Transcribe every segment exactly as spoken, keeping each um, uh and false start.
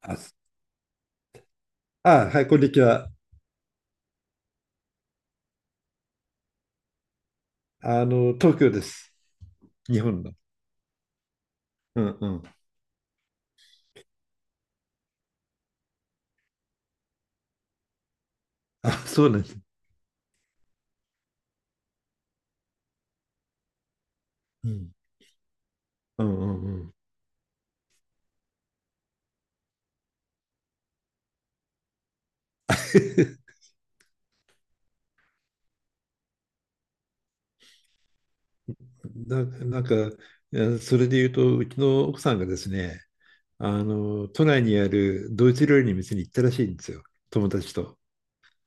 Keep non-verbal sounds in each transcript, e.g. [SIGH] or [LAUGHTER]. あ、すあ、はい、こんにちは。あの、東京です。日本の。うんうん。あ、そうなんです。うんうんうんうん。[LAUGHS] な、なんか、いやそれで言うと、うちの奥さんがですね、あの、都内にあるドイツ料理の店に行ったらしいんですよ、友達と。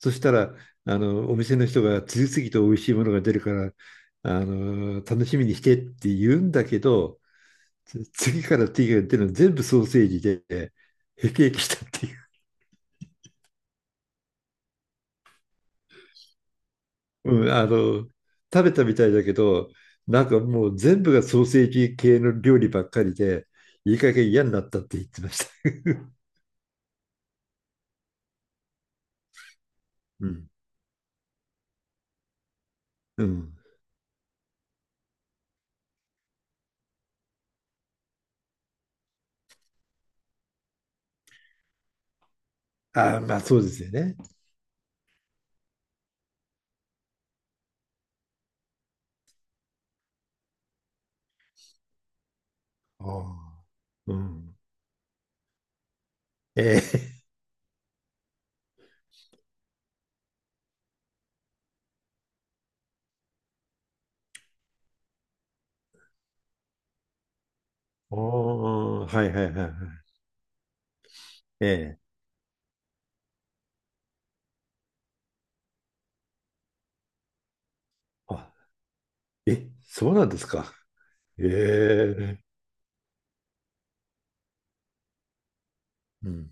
そしたら、あの、お店の人が次々と美味しいものが出るから、あの、楽しみにしてって言うんだけど、つ次から次が出るの全部ソーセージで、へきへきしたって。うん、あの、食べたみたいだけど、なんかもう全部がソーセージ系の料理ばっかりで、いい加減嫌になったって言ってました。[LAUGHS] うん。うん。ああ、まあそうですよね。ああ。うん。ええ。ああ、はいはいはいはい。ええ。あ、え、そうなんですか。ええ。うん。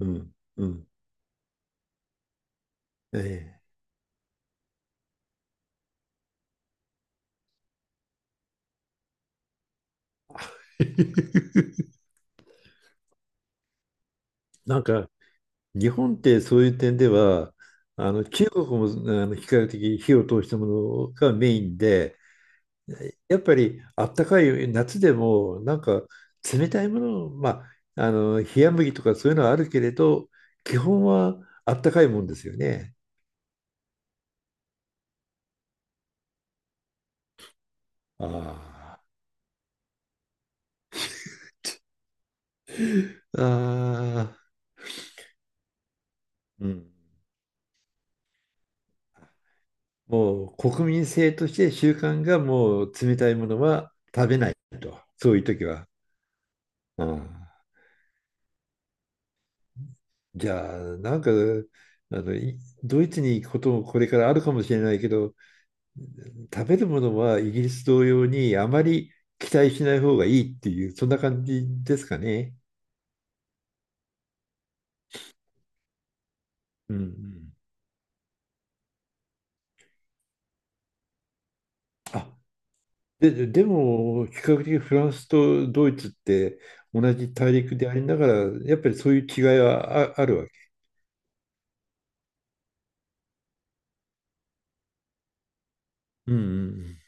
うん。うん。ええ。[LAUGHS] なんか、日本ってそういう点では、あの中国もあの比較的火を通したものがメインで、やっぱりあったかい夏でもなんか冷たいもの、まあ、あの冷麦とかそういうのはあるけれど、基本はあったかいもんですよね。ああ、ああ、うん。もう国民性として習慣がもう冷たいものは、とそういう時は。うん。じゃあ、なんか、あの、いドイツに行くこともこれからあるかもしれないけど、食べるものはイギリス同様にあまり期待しない方がいいっていう、そんな感じですかね。うんうん。あ、で、ででも、比較的フランスとドイツって同じ大陸でありながら、やっぱりそういう違いはあ、あるわけ。うんうんうん。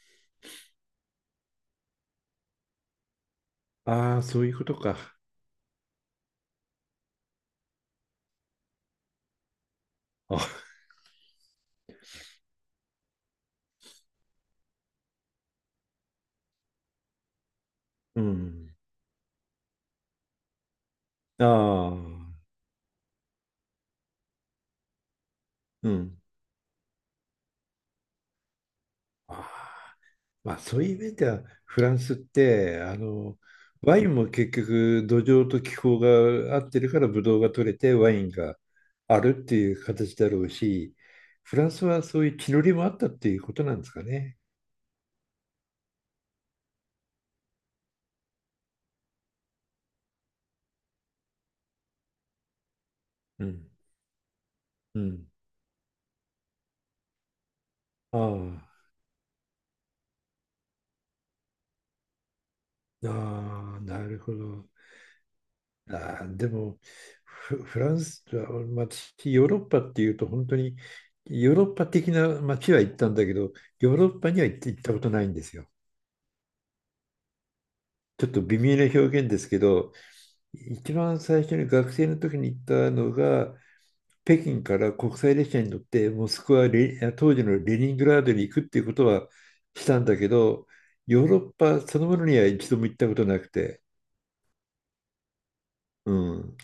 ああ、そういうことか。あ、うん。ああ、うん。あーまあ、そういう面ではフランスってあのワインも結局土壌と気候が合ってるからブドウが取れてワインがあるっていう形だろうし、フランスはそういう地の利もあったっていうことなんですかね。うん、うん、ああ、ああなるほど。ああでもフ、フランス、あまあ、私ヨーロッパっていうと本当にヨーロッパ的な街は行ったんだけど、ヨーロッパには行って行ったことないんですよ。ちょっと微妙な表現ですけど、一番最初に学生の時に行ったのが、北京から国際列車に乗ってモスクワレ、当時のレニングラードに行くっていうことはしたんだけど、ヨーロッパそのものには一度も行ったことなくて、うん。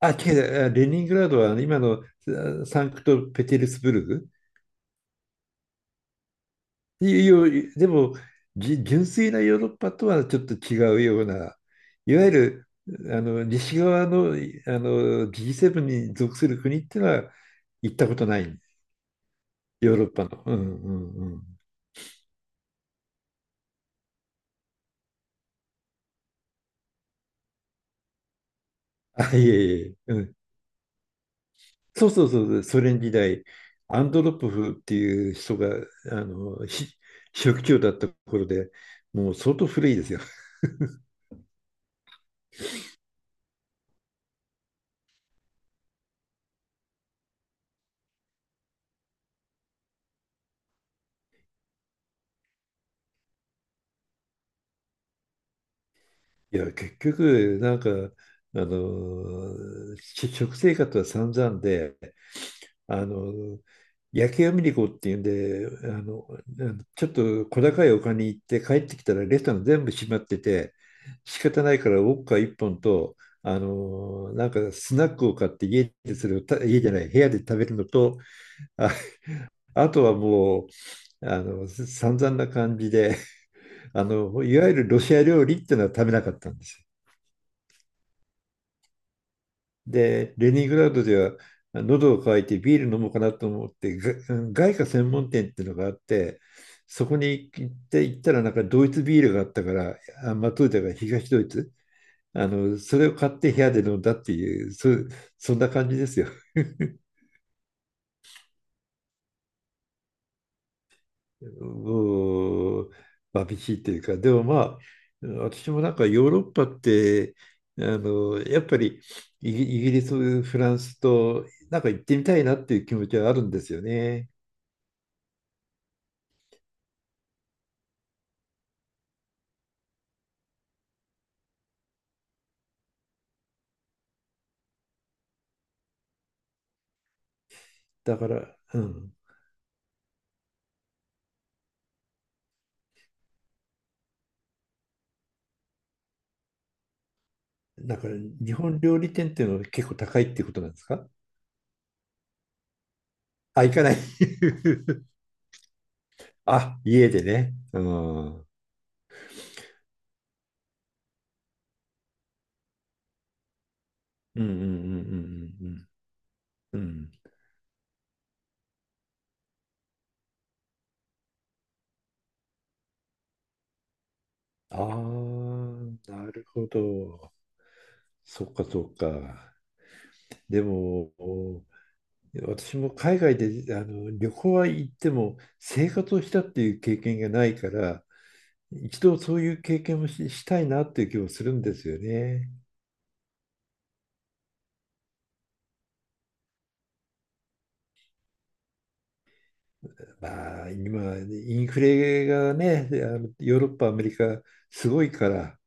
あ、違う、あレニングラードは今のあサンクトペテルスブルグ。いやでも、じ純粋なヨーロッパとはちょっと違うような、いわゆるあの西側の、あの ジーセブン に属する国ってのは行ったことない、ヨーロッパの。うんうんうん。あ、いえいえ、うん。そうそうそうそう、ソ連時代、アンドロポフっていう人があのし書記長だった頃で、もう相当古いですよ。[LAUGHS] いや、結局、なんか、あの、し食生活は散々で、あの、夜景を見に行こうっていうんで、あの、ちょっと小高い丘に行って帰ってきたらレストラン全部閉まってて、仕方ないからウォッカいっぽんと、あの、なんかスナックを買って家でそれをた、家じゃない、部屋で食べるのと、あ、あとはもう、あの、散々な感じで、あの、いわゆるロシア料理っていうのは食べなかったんですよ。で、レニングラードでは喉を渇いてビール飲もうかなと思ってが、外貨専門店っていうのがあって、そこに行って行ったらなんかドイツビールがあったから、あ、まあ、当時だから東ドイツ、あのそれを買って部屋で飲んだっていう、そ、そんな感じですよ。[LAUGHS] もう寂しいというかでもまあ私もなんかヨーロッパってあのやっぱりイギイギリスフランスとなんか行ってみたいなっていう気持ちはあるんですよね。だから、うん。だから、日本料理店っていうのは結構高いっていうことなんですか？あ、行かない。 [LAUGHS] あ、家でね。うん。うんうんうんうんうんうん。ああー、なるほど。そっかそっか。でも、私も海外であの旅行は行っても生活をしたっていう経験がないから、一度そういう経験もし、したいなっていう気もするんですよね。まあ、今、インフレがね、あのヨーロッパ、アメリカ、すごいから、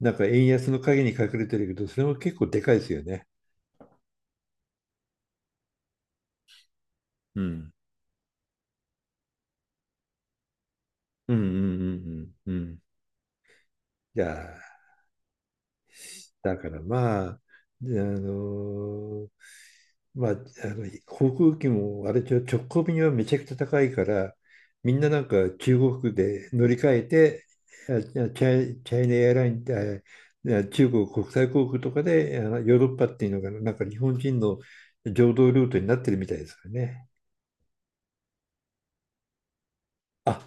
なんか円安の陰に隠れてるけど、それも結構でかいですよね。うん。うんうんうんうんうん。いやー、だからまあ、であのーまあ、あの航空機もあれちょ直行便はめちゃくちゃ高いから、みんななんか中国で乗り換えて、あチャイ、チャイナエアラインで、あ中国国際航空とかであのヨーロッパっていうのがなんか日本人の常道ルートになってるみたいですよね。あ、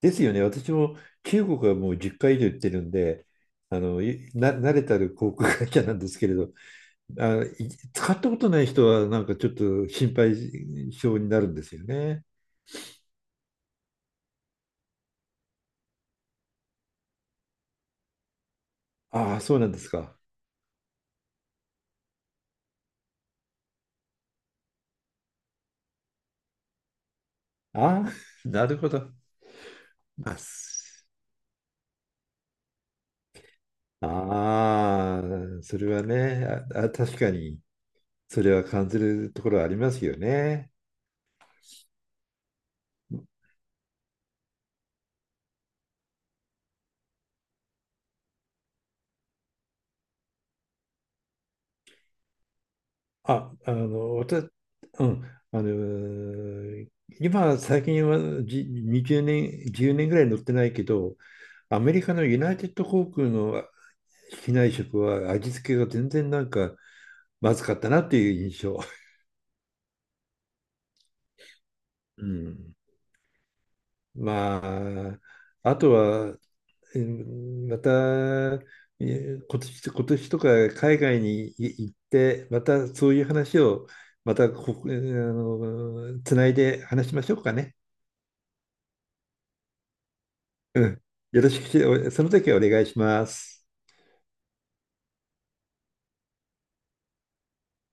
ですよね。私も中国はもうじゅっかい以上行ってるんで、あのいな慣れたる航空会社なんですけれど、あ、い使ったことない人はなんかちょっと心配性になるんですよね。ああ、そうなんですか。ああ、[LAUGHS] なるほど。あ、すあー、それはね、あ、あ確かに、それは感じるところはありますよね。あ、あの、私、うん、あの、今、最近はじにじゅうねん、じゅうねんぐらい乗ってないけど、アメリカのユナイテッド航空の機内食は味付けが全然なんかまずかったなっていう印象。うん、まあ、あとは、えーまた、えー今年、今年とか海外にい行って、またそういう話を、またここ、えーあの、つないで話しましょうかね。うん。よろしくし、おその時はお願いします。